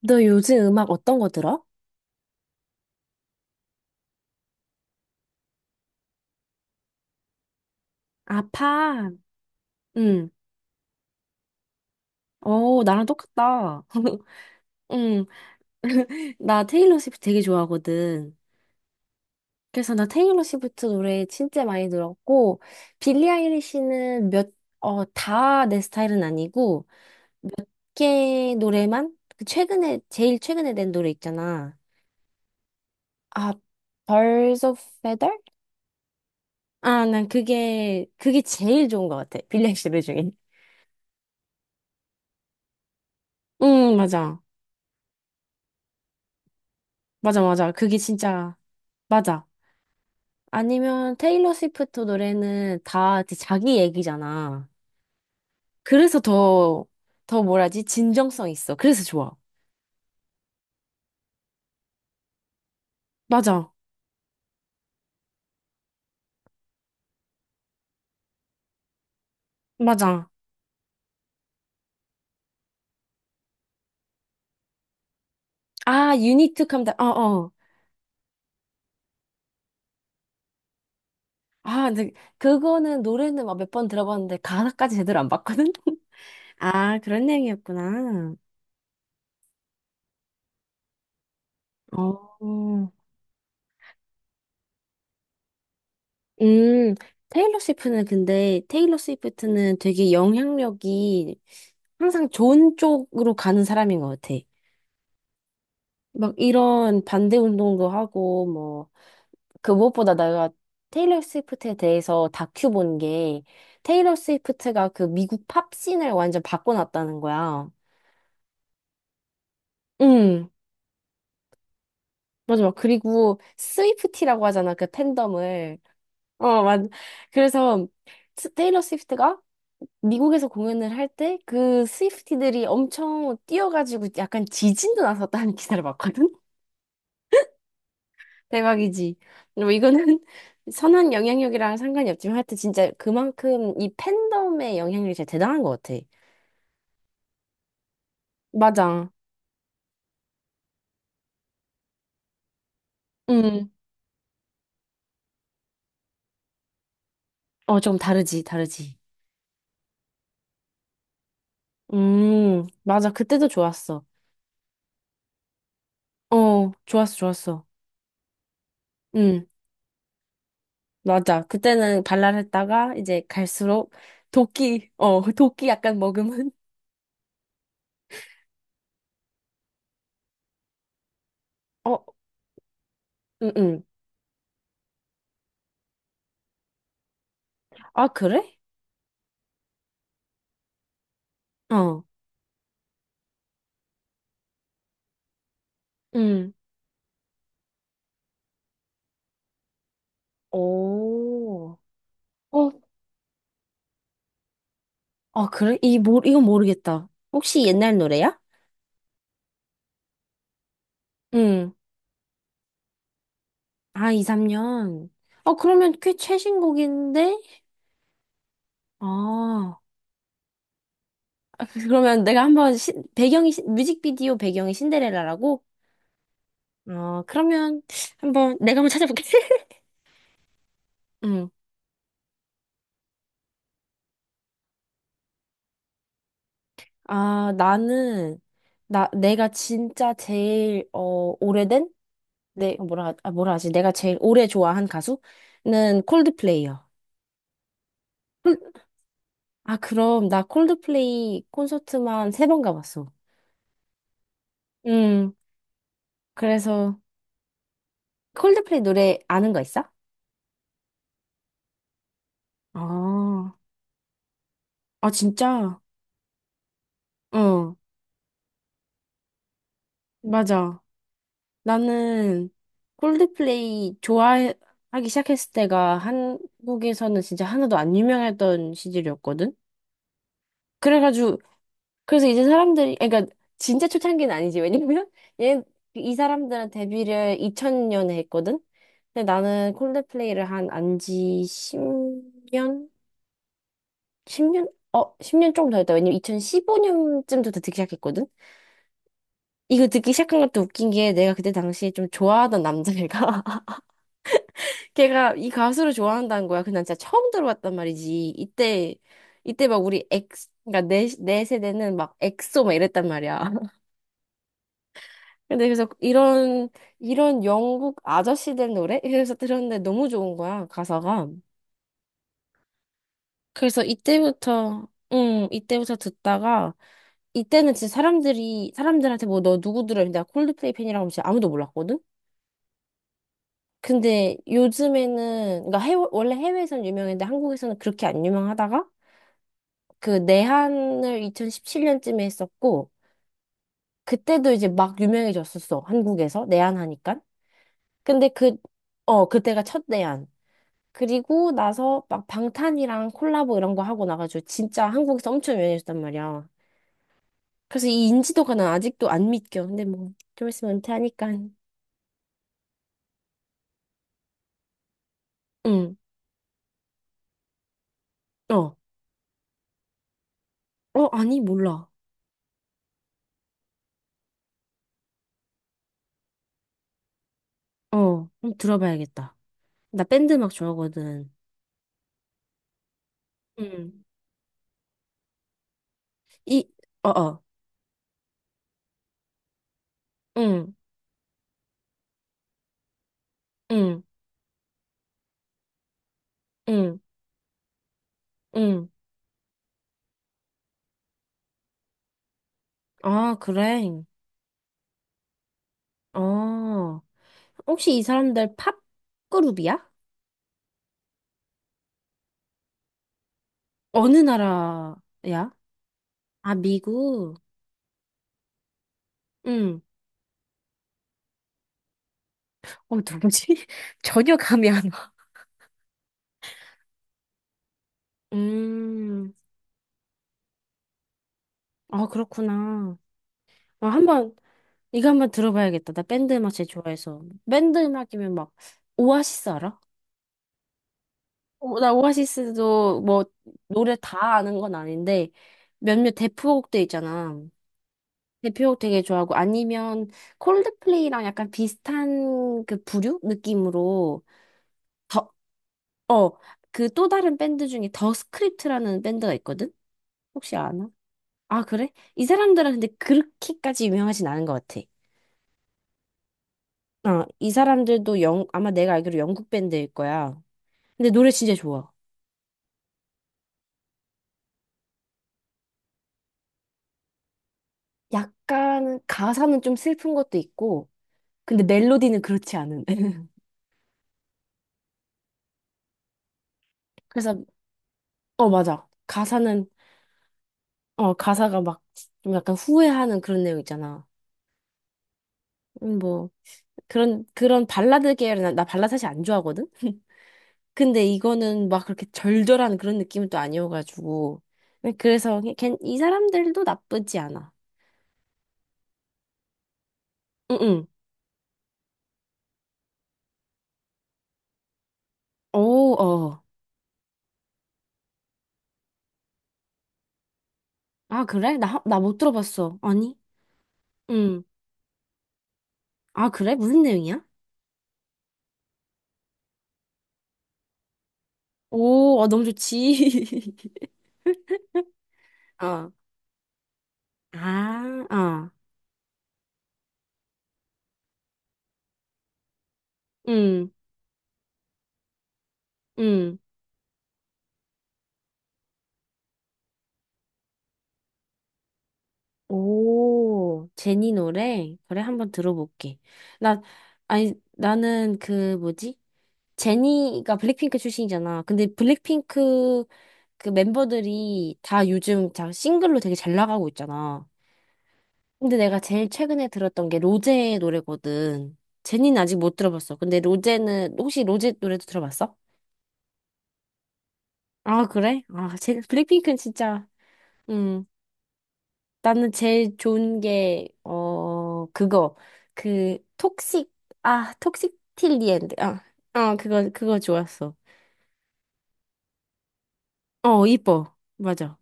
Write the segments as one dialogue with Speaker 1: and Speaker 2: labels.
Speaker 1: 너 요즘 음악 어떤 거 들어? 아, 팝. 응. 어, 나랑 똑같다. 응. 나 테일러 스위프트 되게 좋아하거든. 그래서 나 테일러 스위프트 노래 진짜 많이 들었고, 빌리 아일리시는 다 내 스타일은 아니고, 걔 노래만? 제일 최근에 낸 노래 있잖아. 아, Birds of Feather? 아, 난 그게 제일 좋은 것 같아. 빌리 아일리시 노래 중에. 응, 맞아. 맞아, 맞아. 그게 진짜, 맞아. 아니면 테일러 스위프트 노래는 다 이제 자기 얘기잖아. 그래서 더 뭐라지? 진정성 있어. 그래서 좋아. 맞아. 맞아. 아, 유니트 캄다. 어, 어. 아, 근데 그거는 노래는 막 몇 번 들어봤는데 가사까지 제대로 안 봤거든? 아, 그런 내용이었구나. 어. 음, 테일러 스위프트는 되게 영향력이 항상 좋은 쪽으로 가는 사람인 것 같아. 막 이런 반대 운동도 하고 뭐 그 무엇보다 내가 테일러 스위프트에 대해서 다큐 본 게 테일러 스위프트가 그 미국 팝씬을 완전 바꿔놨다는 거야. 응, 맞아. 막 그리고 스위프티라고 하잖아. 그 팬덤을. 어, 맞. 그래서 테일러 스위프트가 미국에서 공연을 할 때 그 스위프티들이 엄청 뛰어가지고 약간 지진도 났었다는 기사를 봤거든. 대박이지. 뭐 이거는 선한 영향력이랑 상관이 없지만 하여튼 진짜 그만큼 이 팬덤의 영향력이 진짜 대단한 것 같아. 맞아. 음. 어, 좀 다르지, 다르지. 맞아. 그때도 좋았어. 어, 좋았어, 좋았어. 음, 맞아. 그때는 발랄했다가 이제 갈수록 도끼, 어, 도끼 약간 먹으면. 어, 음, 음. 아, 그래? 어, 음. 오. 어, 아, 그래? 이건 모르겠다. 혹시 옛날 노래야? 응. 아, 2, 3년. 어, 그러면 꽤 최신곡인데? 아, 그러면 내가 한번 뮤직비디오 배경이 신데렐라라고? 어, 그러면 한번 내가 한번 찾아볼게. 응. 아, 내가 진짜 제일, 어, 오래된? 내, 뭐라, 하- 아, 뭐라 하지? 내가 제일 오래 좋아한 가수는 콜드플레이요. 콜- 아, 그럼 나 콜드플레이 콘서트만 세 번 가봤어. 음, 그래서 콜드플레이 노래 아는 거 있어? 아, 아, 진짜? 어, 맞아. 나는 콜드플레이 좋아하기 시작했을 때가 한국에서는 진짜 하나도 안 유명했던 시절이었거든? 그래가지고, 그래서 이제 사람들이, 그러니까 진짜 초창기는 아니지. 왜냐면, 얘, 이 사람들은 데뷔를 2000년에 했거든? 근데 나는 콜드플레이를 한 안지 10년? 10년? 어, 10년 조금 더 했다. 왜냐면 2015년쯤부터 듣기 시작했거든? 이거 듣기 시작한 것도 웃긴 게 내가 그때 당시에 좀 좋아하던 남자애가 걔가 이 가수를 좋아한다는 거야. 근데 난 진짜 처음 들어봤단 말이지. 이때 이때 막 우리 엑 그러니까 내 세대는 막 엑소 막 이랬단 말이야. 근데 그래서 이런 영국 아저씨들 노래? 그래서 들었는데 너무 좋은 거야, 가사가. 그래서 이때부터 듣다가 이때는 진짜 사람들이 사람들한테 뭐 너 누구 들어? 내가 콜드플레이 팬이라고 하면 진짜 아무도 몰랐거든. 근데 요즘에는, 그러니까 원래 해외에서는 유명했는데 한국에서는 그렇게 안 유명하다가 그 내한을 2017년쯤에 했었고, 그때도 이제 막 유명해졌었어. 한국에서. 내한하니까. 근데 그때가 첫 내한. 그리고 나서 막 방탄이랑 콜라보 이런 거 하고 나가지고 진짜 한국에서 엄청 유명해졌단 말이야. 그래서 이 인지도가 난 아직도 안 믿겨. 근데 뭐, 좀 있으면 은퇴하니까. 응. 어. 어, 아니, 몰라. 어. 한번 들어봐야겠다. 나 밴드 음악 좋아하거든. 응. 이, 어, 어. 응, 응, 응, 응. 아, 그래. 어. 혹시 이 사람들 팝 그룹이야? 어느 나라야? 아, 미국. 응. 어, 누구지? 전혀 감이 안 와. 음. 아, 그렇구나. 아 한번, 이거 한번 들어봐야겠다. 나 밴드 음악 제일 좋아해서. 밴드 음악이면 막, 오아시스 알아? 오, 나 오아시스도 뭐, 노래 다 아는 건 아닌데, 몇몇 대표곡들 있잖아. 대표곡 되게 좋아하고 아니면 콜드플레이랑 약간 비슷한 그 부류 느낌으로 더, 어, 그 또 다른 밴드 중에 더 스크립트라는 밴드가 있거든? 혹시 아나? 아, 그래? 이 사람들은 근데 그렇게까지 유명하진 않은 것 같아. 어, 이 사람들도 아마 내가 알기로 영국 밴드일 거야. 근데 노래 진짜 좋아. 약간 가사는 좀 슬픈 것도 있고, 근데 멜로디는 그렇지 않은. 그래서, 어, 맞아. 가사가 막 좀 약간 후회하는 그런 내용 있잖아. 뭐 그런 발라드 계열은 나 발라드 사실 안 좋아하거든. 근데 이거는 막 그렇게 절절한 그런 느낌은 또 아니어가지고 네, 그래서 이 사람들도 나쁘지 않아. 응응. 오, 어. 아 그래? 나 못 들어봤어. 아니. 응. 아 그래? 무슨 내용이야? 오, 아, 너무 좋지. 어. 아, 어. 응, 응. 오, 제니 노래? 그래, 한번 들어볼게. 나, 아니, 나는 그, 뭐지? 제니가 블랙핑크 출신이잖아. 근데 블랙핑크 그 멤버들이 다 요즘 다 싱글로 되게 잘 나가고 있잖아. 근데 내가 제일 최근에 들었던 게 로제의 노래거든. 제니는 아직 못 들어봤어. 근데 로제는 혹시 로제 노래도 들어봤어? 아, 그래? 아, 제 블랙핑크는 진짜 음. 나는 제일 좋은 게 어, 그거. 그 톡식 톡식 틸리엔드. 아, 어, 그거 좋았어. 어, 이뻐. 맞아.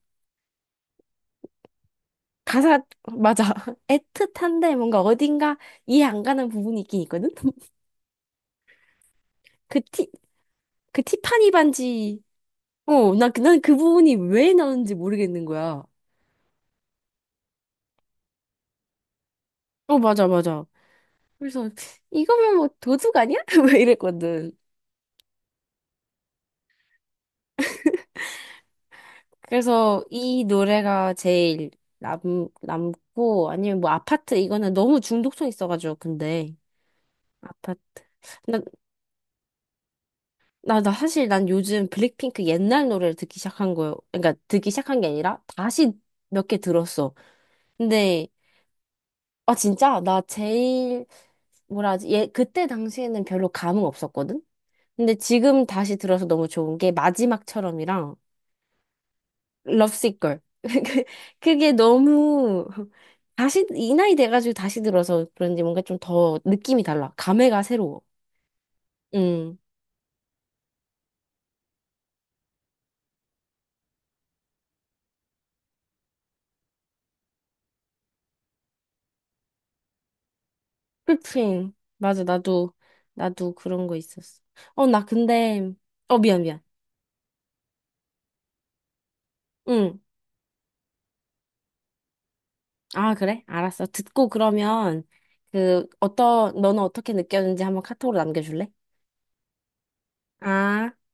Speaker 1: 가사 맞아. 애틋한데 뭔가 어딘가 이해 안 가는 부분이 있긴 있거든. 그 티, 그 티파니 반지. 어, 난 그 부분이 왜 나오는지 모르겠는 거야. 어, 맞아, 맞아. 그래서 이거면 뭐 도둑 아니야? 왜 이랬거든. 그래서 이 노래가 제일 남, 남고 아니면 뭐 아파트 이거는 너무 중독성 있어가지고 근데 아파트. 나 사실 난 요즘 블랙핑크 옛날 노래를 듣기 시작한 거예요. 그러니까 듣기 시작한 게 아니라 다시 몇 개 들었어. 근데, 아, 진짜? 나 제일, 뭐라 하지? 예, 그때 당시에는 별로 감흥 없었거든? 근데 지금 다시 들어서 너무 좋은 게 마지막처럼이랑 럽시c 걸. 그게 너무, 다시, 이 나이 돼가지고 다시 들어서 그런지 뭔가 좀 더 느낌이 달라. 감회가 새로워. 음. 풀프림. 맞아, 나도 그런 거 있었어. 어, 나 근데, 어, 미안, 미안. 응. 아, 그래? 알았어. 듣고 그러면, 너는 어떻게 느꼈는지 한번 카톡으로 남겨줄래? 아.